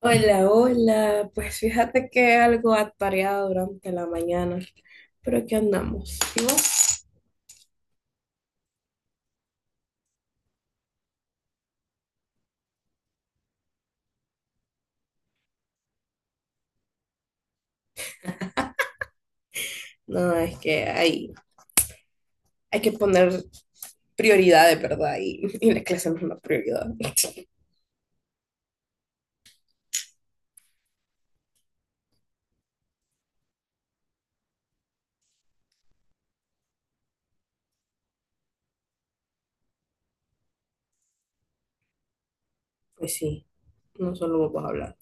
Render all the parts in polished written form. Hola, hola. Pues fíjate que algo atareado durante la mañana, pero aquí andamos. ¿Y vos? No, es que hay que poner prioridades, ¿verdad? Y la clase no es una prioridad. Pues sí, no solo vamos a hablar.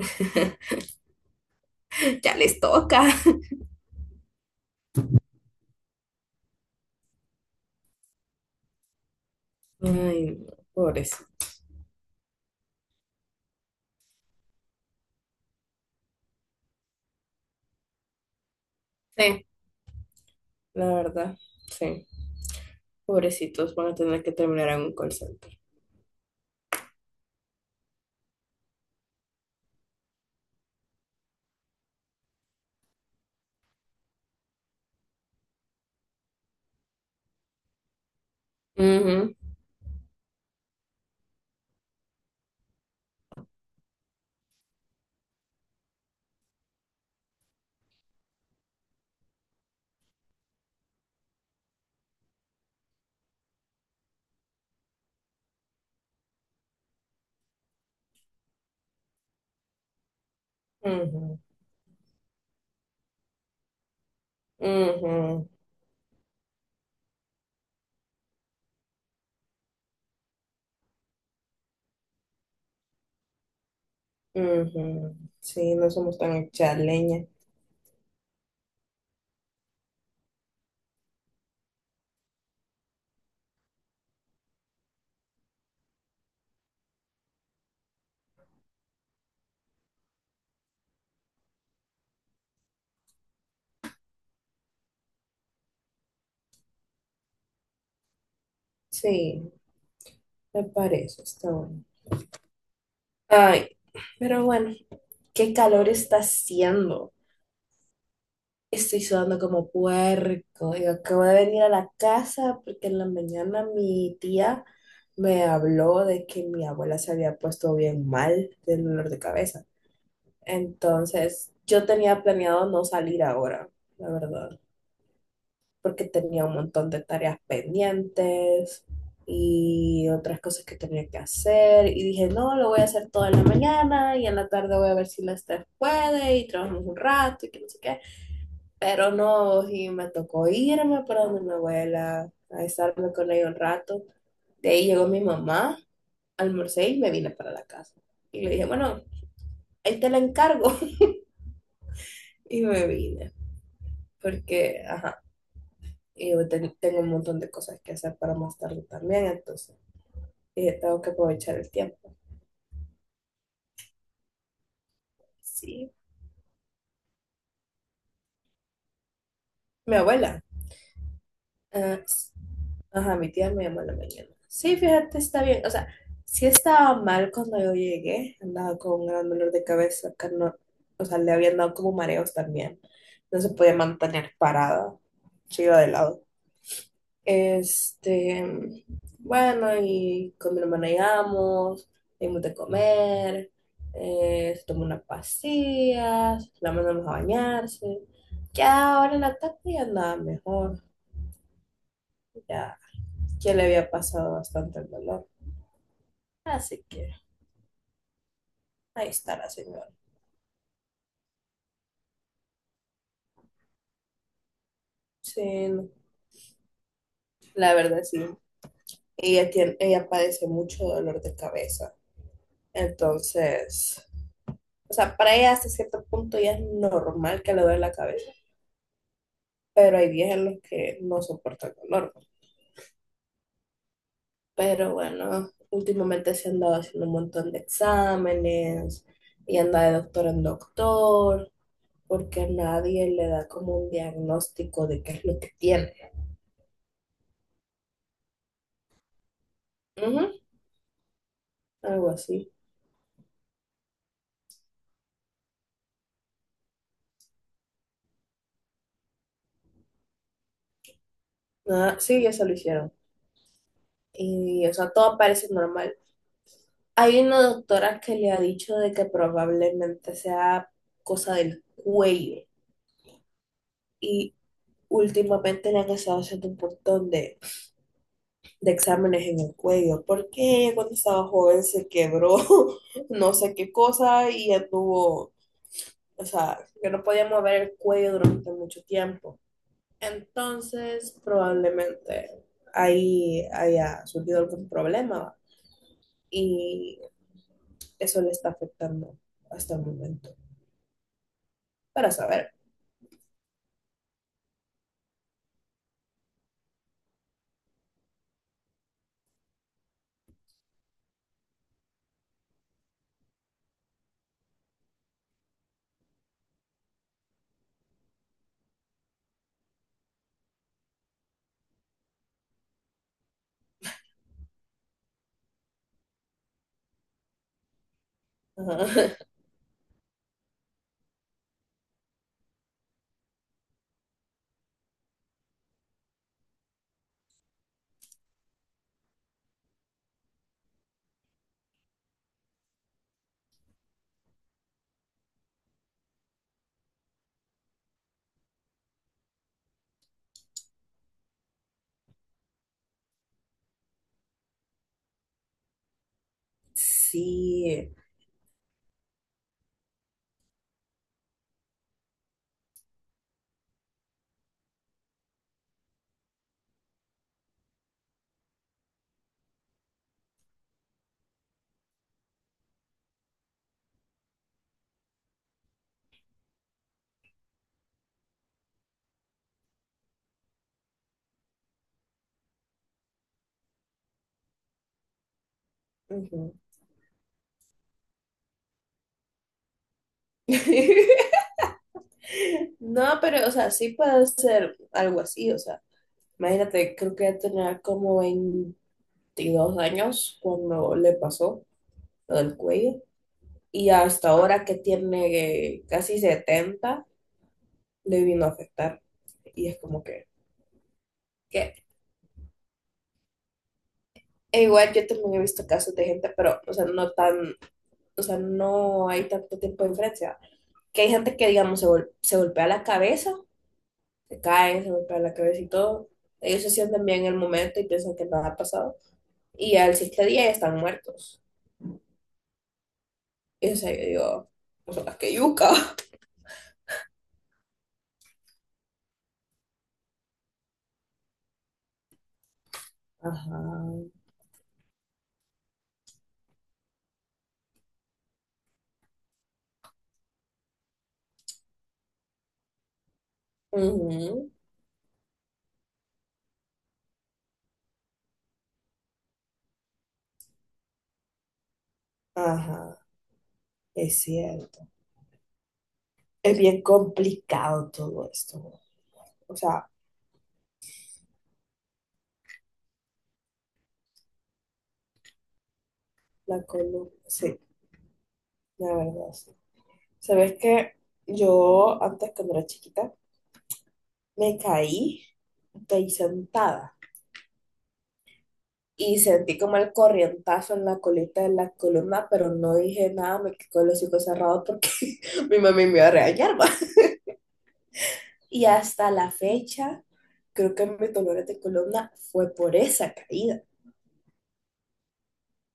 Ya les toca. Ay, no, pobrecitos. Sí, la verdad, sí. Pobrecitos van a tener que terminar en un call center. Ujú, ujú, ujú, ujú. Sí, no somos tan chaleñas. Sí. Me parece, está bueno. Ay, pero bueno, qué calor está haciendo. Estoy sudando como puerco. Yo acabo de venir a la casa porque en la mañana mi tía me habló de que mi abuela se había puesto bien mal del dolor de cabeza. Entonces, yo tenía planeado no salir ahora, la verdad, porque tenía un montón de tareas pendientes y otras cosas que tenía que hacer. Y dije, no, lo voy a hacer toda la mañana y en la tarde voy a ver si la Lester puede y trabajamos un rato y que no sé qué. Pero no, y me tocó irme para donde mi abuela a estarme con ella un rato. De ahí llegó mi mamá, almorcé y me vine para la casa. Y le dije, bueno, ahí te la encargo. Y me vine, porque, ajá, y yo tengo un montón de cosas que hacer para más tarde también, entonces, y yo tengo que aprovechar el tiempo. Sí, mi abuela. Ah, ajá, mi tía me llamó en la mañana. Sí, fíjate, está bien. O sea, sí estaba mal cuando yo llegué, andaba con un gran dolor de cabeza, que no- o sea, le habían dado como mareos también. No se podía mantener parada, se iba de lado. Este, bueno, y con mi hermana llegamos, dimos de comer, se tomó unas pastillas, la mandamos a bañarse. Ya ahora en la tarde ya andaba mejor, ya, ya le había pasado bastante el dolor. Así que ahí está la señora. Sí, no, la verdad sí. Ella tiene, ella padece mucho dolor de cabeza. Entonces, o sea, para ella hasta cierto punto ya es normal que le duele la cabeza, pero hay días en los que no soporto el calor. Pero bueno, últimamente se han dado haciendo un montón de exámenes y anda de doctor en doctor, porque a nadie le da como un diagnóstico de qué es lo que tiene. Ujú, algo así. Ah, sí, ya se lo hicieron. Y, o sea, todo parece normal. Hay una doctora que le ha dicho de que probablemente sea cosa del cuello. Y últimamente le han estado haciendo un montón de exámenes en el cuello, porque ella cuando estaba joven se quebró no sé qué cosa y ya tuvo, o sea, que no podía mover el cuello durante mucho tiempo. Entonces, probablemente ahí haya surgido algún problema y eso le está afectando hasta el momento, para saber. Ajá. Sí, Ujú. No, pero, o sea, sí puede ser algo así, o sea, imagínate, creo que ya tenía como 22 años cuando le pasó lo del cuello y hasta ahora que tiene casi 70 le vino a afectar y es como que e igual yo también he visto casos de gente, pero, o sea, no tan, o sea, no hay tanto tiempo de diferencia. Que hay gente que, digamos, se, se golpea la cabeza, se cae, se golpea la cabeza y todo. Ellos se sienten bien en el momento y piensan que nada ha pasado. Y al siguiente día ya están muertos. Y o sea, yo digo, o sea, que yuca. Ajá, Ujú, ajá, es cierto. Es bien complicado todo esto. O sea, la colo. Sí, la verdad, sí. ¿Sabes qué? Yo antes cuando era chiquita me caí de ahí sentada. Y sentí como el corrientazo en la colita de la columna, pero no dije nada, me quedé con los hocico cerrados porque mi mami me iba a regañar. Ma. Y hasta la fecha, creo que mi dolor de columna fue por esa caída.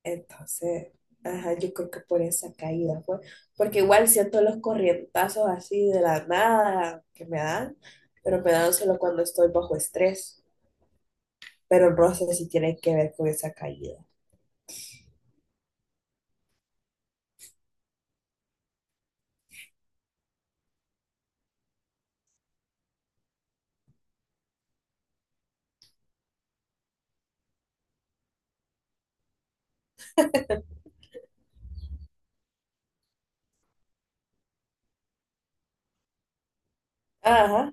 Entonces, ajá, yo creo que por esa caída fue. Porque igual siento los corrientazos así de la nada que me dan, pero me dan solo cuando estoy bajo estrés. Pero el roce sí tiene que ver con esa caída. Ajá.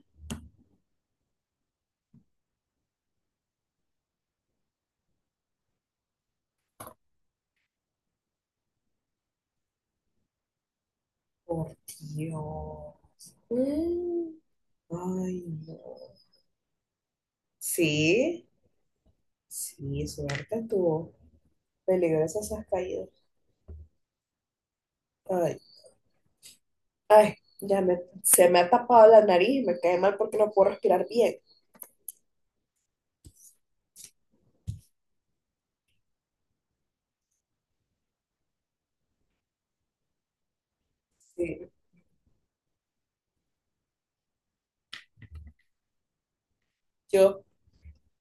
Por Dios. Mm, ay, no. Sí, sí, suerte tú. Peligrosas esas caídas. Ay, ay, ya me, se me ha tapado la nariz y me cae mal porque no puedo respirar bien. Sí. Yo,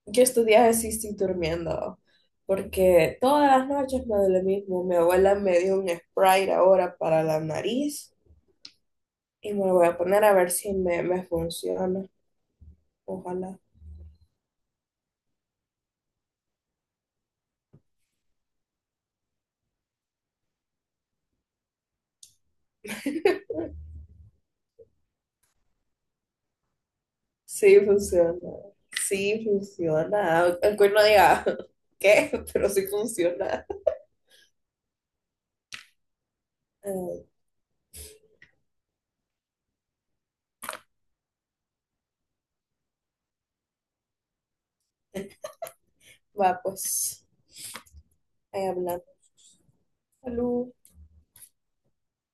yo estos días sí durmiendo, porque todas las noches me duele lo mismo. Mi abuela me dio un Sprite ahora para la nariz y me lo voy a poner a ver si me funciona. Ojalá. Sí funciona, sí funciona. Aunque uno diga, ¿qué? Pero sí funciona. Ah, va, pues, ahí hablando. Salud.